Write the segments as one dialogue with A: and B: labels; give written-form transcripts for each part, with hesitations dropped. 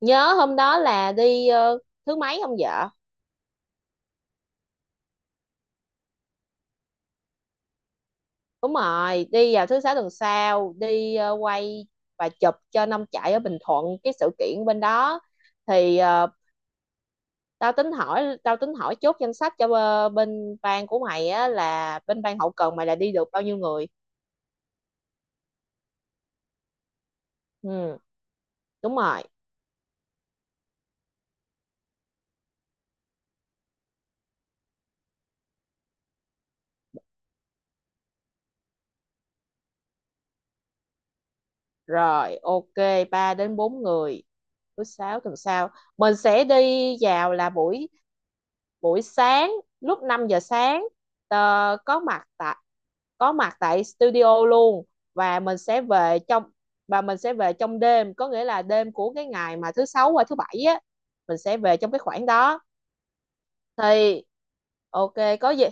A: Nhớ hôm đó là đi thứ mấy không vợ? Đúng rồi, đi vào thứ sáu tuần sau đi, quay và chụp cho năm chạy ở Bình Thuận, cái sự kiện bên đó. Thì tao tính hỏi chốt danh sách cho, bên ban của mày á, là bên ban hậu cần mày, là đi được bao nhiêu người? Ừ, đúng rồi. Rồi, ok, 3 đến 4 người. Thứ sáu tuần sau mình sẽ đi vào là buổi buổi sáng, lúc 5 giờ sáng, ờ, có mặt tại có mặt tại studio luôn. Và mình sẽ về trong và mình sẽ về trong đêm, có nghĩa là đêm của cái ngày mà thứ sáu qua thứ bảy á. Mình sẽ về trong cái khoảng đó thì ok, có gì.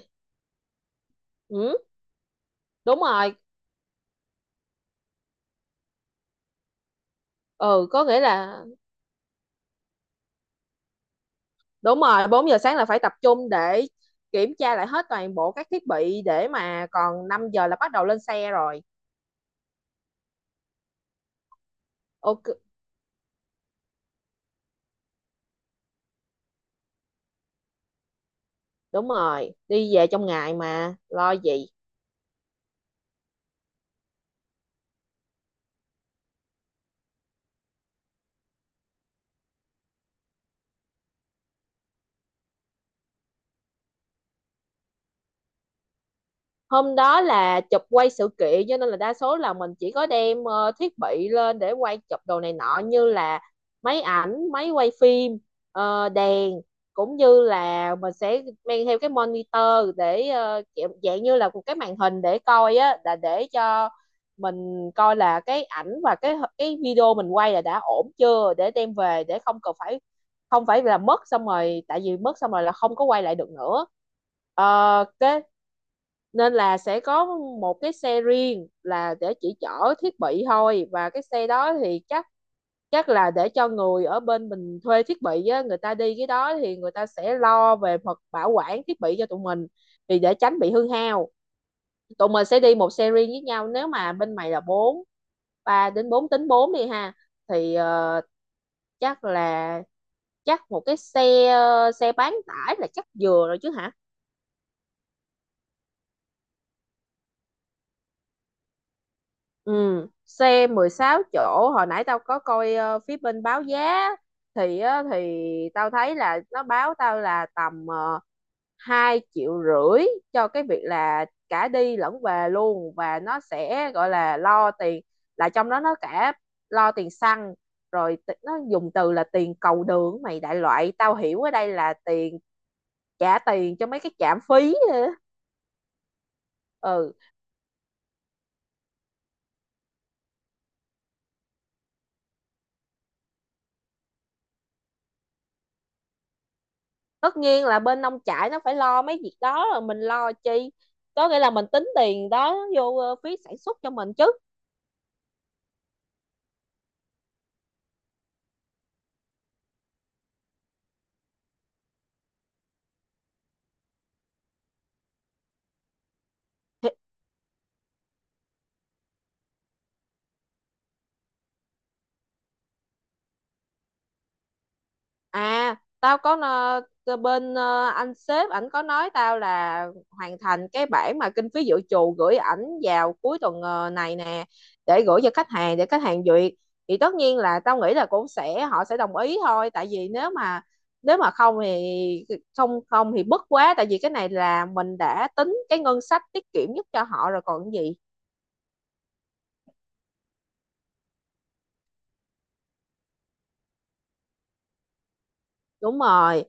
A: Ừ, đúng rồi. Ừ, có nghĩa là đúng rồi, 4 giờ sáng là phải tập trung để kiểm tra lại hết toàn bộ các thiết bị, để mà còn 5 giờ là bắt đầu lên xe rồi. Ok, đúng rồi, đi về trong ngày mà lo gì. Hôm đó là chụp quay sự kiện, cho nên là đa số là mình chỉ có đem thiết bị lên để quay chụp đồ này nọ, như là máy ảnh, máy quay phim, đèn. Cũng như là mình sẽ mang theo cái monitor để, kiểu dạng như là một cái màn hình để coi á, là để cho mình coi là cái ảnh và cái video mình quay là đã ổn chưa, để đem về, để không cần phải, không phải là mất xong rồi, tại vì mất xong rồi là không có quay lại được nữa. Cái nên là sẽ có một cái xe riêng là để chỉ chở thiết bị thôi, và cái xe đó thì chắc chắc là để cho người ở bên mình thuê thiết bị á, người ta đi cái đó thì người ta sẽ lo về mặt bảo quản thiết bị cho tụi mình, thì để tránh bị hư hao. Tụi mình sẽ đi một xe riêng với nhau. Nếu mà bên mày là bốn, ba đến bốn, tính bốn đi ha. Thì chắc là chắc một cái xe, xe bán tải là chắc vừa rồi chứ hả? Ừ, xe 16 chỗ, hồi nãy tao có coi phía bên báo giá. Thì á, thì tao thấy là nó báo tao là tầm 2,5 triệu cho cái việc là cả đi lẫn về luôn. Và nó sẽ gọi là lo tiền, là trong đó nó cả lo tiền xăng, rồi nó dùng từ là tiền cầu đường mày, đại loại tao hiểu ở đây là tiền, trả tiền cho mấy cái trạm phí. Ừ, tất nhiên là bên nông trại nó phải lo mấy việc đó rồi, mình lo chi. Có nghĩa là mình tính tiền đó vô phí sản xuất cho mình chứ. À, tao có bên anh sếp ảnh có nói tao là hoàn thành cái bản mà kinh phí dự trù gửi ảnh vào cuối tuần này nè, để gửi cho khách hàng để khách hàng duyệt. Thì tất nhiên là tao nghĩ là cũng sẽ, họ sẽ đồng ý thôi, tại vì nếu mà không thì không không thì bất quá, tại vì cái này là mình đã tính cái ngân sách tiết kiệm nhất cho họ rồi còn gì. Đúng rồi.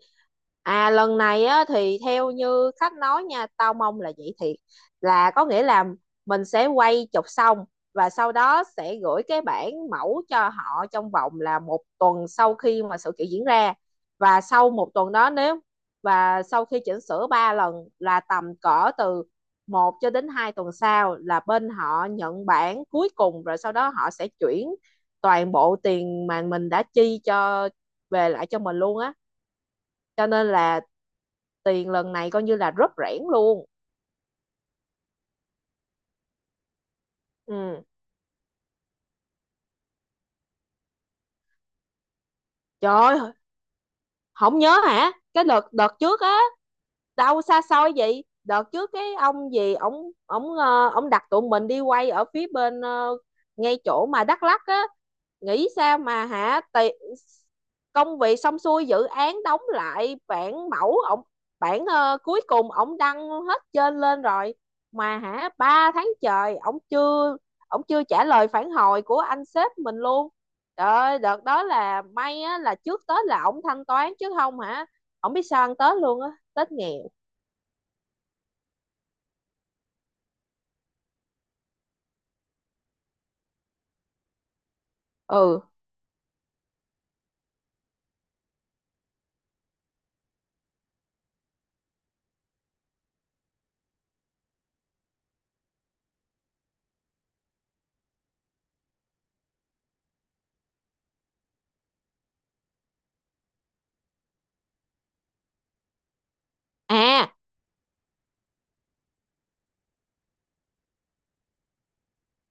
A: À, lần này á thì theo như khách nói nha, tao mong là vậy thiệt, là có nghĩa là mình sẽ quay chụp xong và sau đó sẽ gửi cái bản mẫu cho họ trong vòng là một tuần sau khi mà sự kiện diễn ra. Và sau một tuần đó nếu và sau khi chỉnh sửa ba lần là tầm cỡ từ một cho đến 2 tuần sau là bên họ nhận bản cuối cùng, rồi sau đó họ sẽ chuyển toàn bộ tiền mà mình đã chi cho, về lại cho mình luôn á. Cho nên là tiền lần này coi như là rất rẽn luôn. Ừ, trời ơi, không nhớ hả cái đợt đợt trước á? Đâu xa xôi vậy, đợt trước cái ông gì, ổng ổng ờ, ổng đặt tụi mình đi quay ở phía bên, ngay chỗ mà Đắk Lắk á. Nghĩ sao mà hả tì, công việc xong xuôi, dự án đóng lại, bản mẫu ổng, bản cuối cùng ổng đăng hết trên lên rồi. Mà hả, 3 tháng trời ổng chưa trả lời phản hồi của anh sếp mình luôn. Trời ơi, đợt đó là may á, là trước Tết là ổng thanh toán, chứ không hả ổng biết sao ăn Tết luôn á, Tết nghèo. Ừ. À,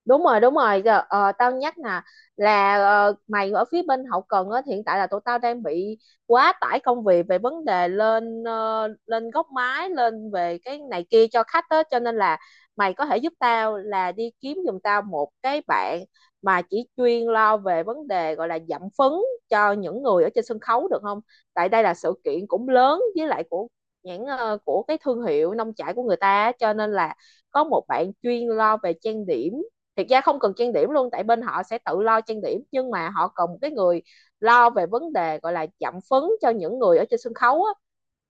A: đúng rồi, đúng rồi. Giờ, tao nhắc nè, là mày ở phía bên hậu cần á, hiện tại là tụi tao đang bị quá tải công việc về vấn đề lên, lên góc máy, lên về cái này kia cho khách á, cho nên là mày có thể giúp tao là đi kiếm giùm tao một cái bạn mà chỉ chuyên lo về vấn đề gọi là giảm phấn cho những người ở trên sân khấu được không? Tại đây là sự kiện cũng lớn, với lại của nhãn, của cái thương hiệu nông trại của người ta á, cho nên là có một bạn chuyên lo về trang điểm. Thực ra không cần trang điểm luôn, tại bên họ sẽ tự lo trang điểm, nhưng mà họ cần một cái người lo về vấn đề gọi là chạm phấn cho những người ở trên sân khấu á.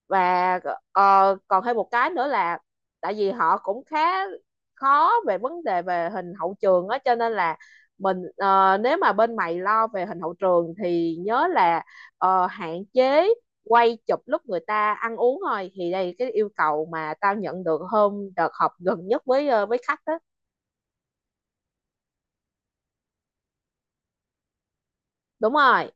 A: Và còn thêm một cái nữa là, tại vì họ cũng khá khó về vấn đề về hình hậu trường á, cho nên là nếu mà bên mày lo về hình hậu trường thì nhớ là, hạn chế quay chụp lúc người ta ăn uống thôi. Thì đây là cái yêu cầu mà tao nhận được hôm đợt họp gần nhất với khách đó. Đúng rồi,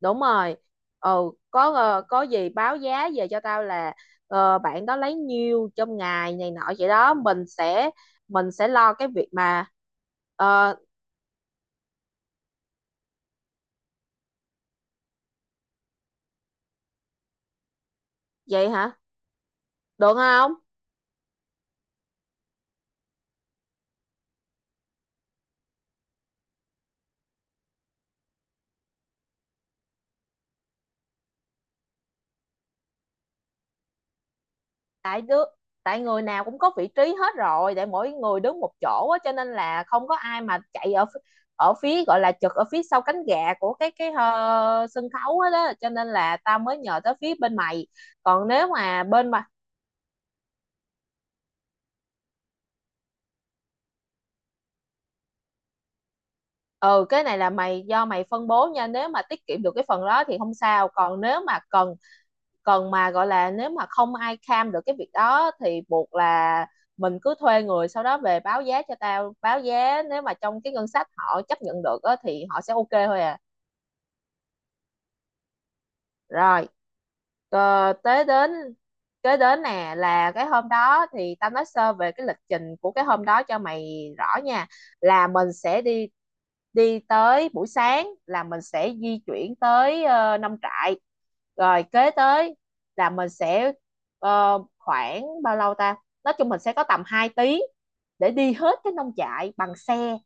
A: đúng rồi. Ừ, có gì báo giá về cho tao là, bạn đó lấy nhiêu trong ngày này nọ vậy đó, mình sẽ lo cái việc mà, ờ, vậy hả, được không? tại đứa Tại người nào cũng có vị trí hết rồi, để mỗi người đứng một chỗ á, cho nên là không có ai mà chạy ở ở phía gọi là trực ở phía sau cánh gà của cái sân khấu hết đó, cho nên là tao mới nhờ tới phía bên mày. Còn nếu mà bên mà Ừ, cái này là mày do mày phân bố nha. Nếu mà tiết kiệm được cái phần đó thì không sao, còn nếu mà cần cần mà gọi là nếu mà không ai cam được cái việc đó thì buộc là mình cứ thuê người, sau đó về báo giá cho tao. Báo giá nếu mà trong cái ngân sách họ chấp nhận được á, thì họ sẽ ok thôi à. Rồi, tới đến kế đến nè là cái hôm đó, thì tao nói sơ về cái lịch trình của cái hôm đó cho mày rõ nha. Là mình sẽ đi đi tới, buổi sáng là mình sẽ di chuyển tới nông trại, rồi kế tới là khoảng bao lâu ta, nói chung mình sẽ có tầm 2 tiếng để đi hết cái nông trại bằng xe.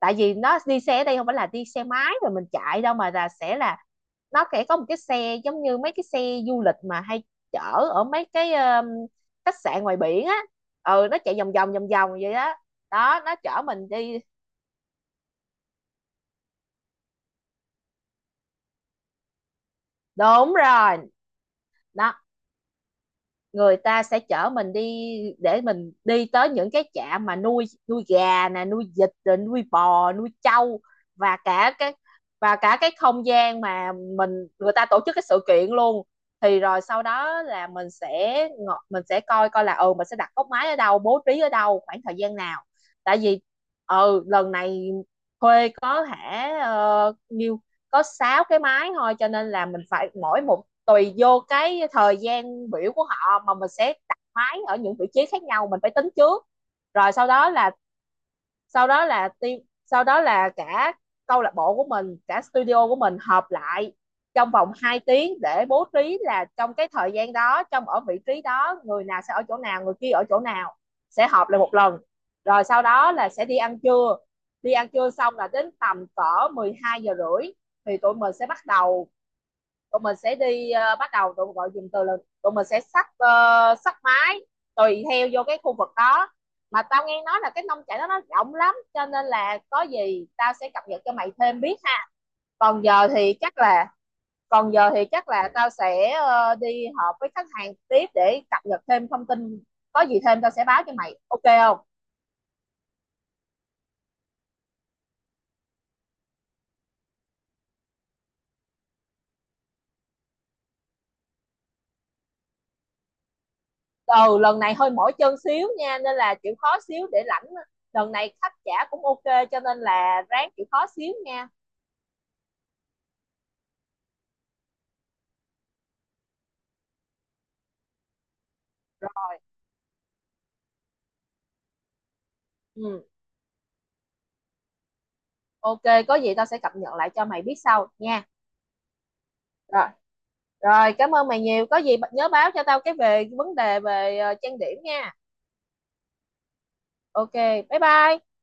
A: Tại vì nó đi xe ở đây không phải là đi xe máy rồi mình chạy đâu, mà là sẽ là nó sẽ có một cái xe giống như mấy cái xe du lịch mà hay chở ở mấy cái, khách sạn ngoài biển á. Ừ, nó chạy vòng vòng vòng vòng vậy đó. Đó, nó chở mình đi, đúng rồi. Đó, người ta sẽ chở mình đi để mình đi tới những cái trại mà nuôi nuôi gà nè, nuôi vịt, rồi nuôi bò, nuôi trâu. Và cả cái và cả cái không gian mà người ta tổ chức cái sự kiện luôn. Thì rồi sau đó là mình sẽ coi coi là, ừ, mình sẽ đặt góc máy ở đâu, bố trí ở đâu, khoảng thời gian nào. Tại vì, ừ, lần này thuê có hả, nhiêu, có sáu cái máy thôi, cho nên là mình phải mỗi một, tùy vô cái thời gian biểu của họ mà mình sẽ đặt máy ở những vị trí khác nhau, mình phải tính trước. Rồi sau đó là team sau đó là cả câu lạc bộ của mình, cả studio của mình họp lại trong vòng 2 tiếng để bố trí là trong cái thời gian đó, ở vị trí đó, người nào sẽ ở chỗ nào, người kia ở chỗ nào. Sẽ họp lại một lần, rồi sau đó là sẽ đi ăn trưa. Đi ăn trưa xong là đến tầm cỡ 12 giờ rưỡi thì tụi mình sẽ bắt đầu, tụi mình sẽ đi ờ, bắt đầu tụi mình gọi dùm từ là tụi mình sẽ xách, xách máy tùy theo vô cái khu vực đó. Mà tao nghe nói là cái nông trại đó nó rộng lắm, cho nên là có gì tao sẽ cập nhật cho mày thêm biết ha. Còn giờ thì chắc là còn giờ thì chắc là tao sẽ đi họp với khách hàng tiếp để cập nhật thêm thông tin. Có gì thêm tao sẽ báo cho mày, ok không? Ừ, lần này hơi mỏi chân xíu nha, nên là chịu khó xíu để lãnh. Lần này khách trả cũng ok, cho nên là ráng chịu khó xíu nha. Rồi, ừ, ok, có gì tao sẽ cập nhật lại cho mày biết sau nha. Rồi, rồi, cảm ơn mày nhiều. Có gì nhớ báo cho tao cái về vấn đề về trang điểm nha. Ok, bye bye.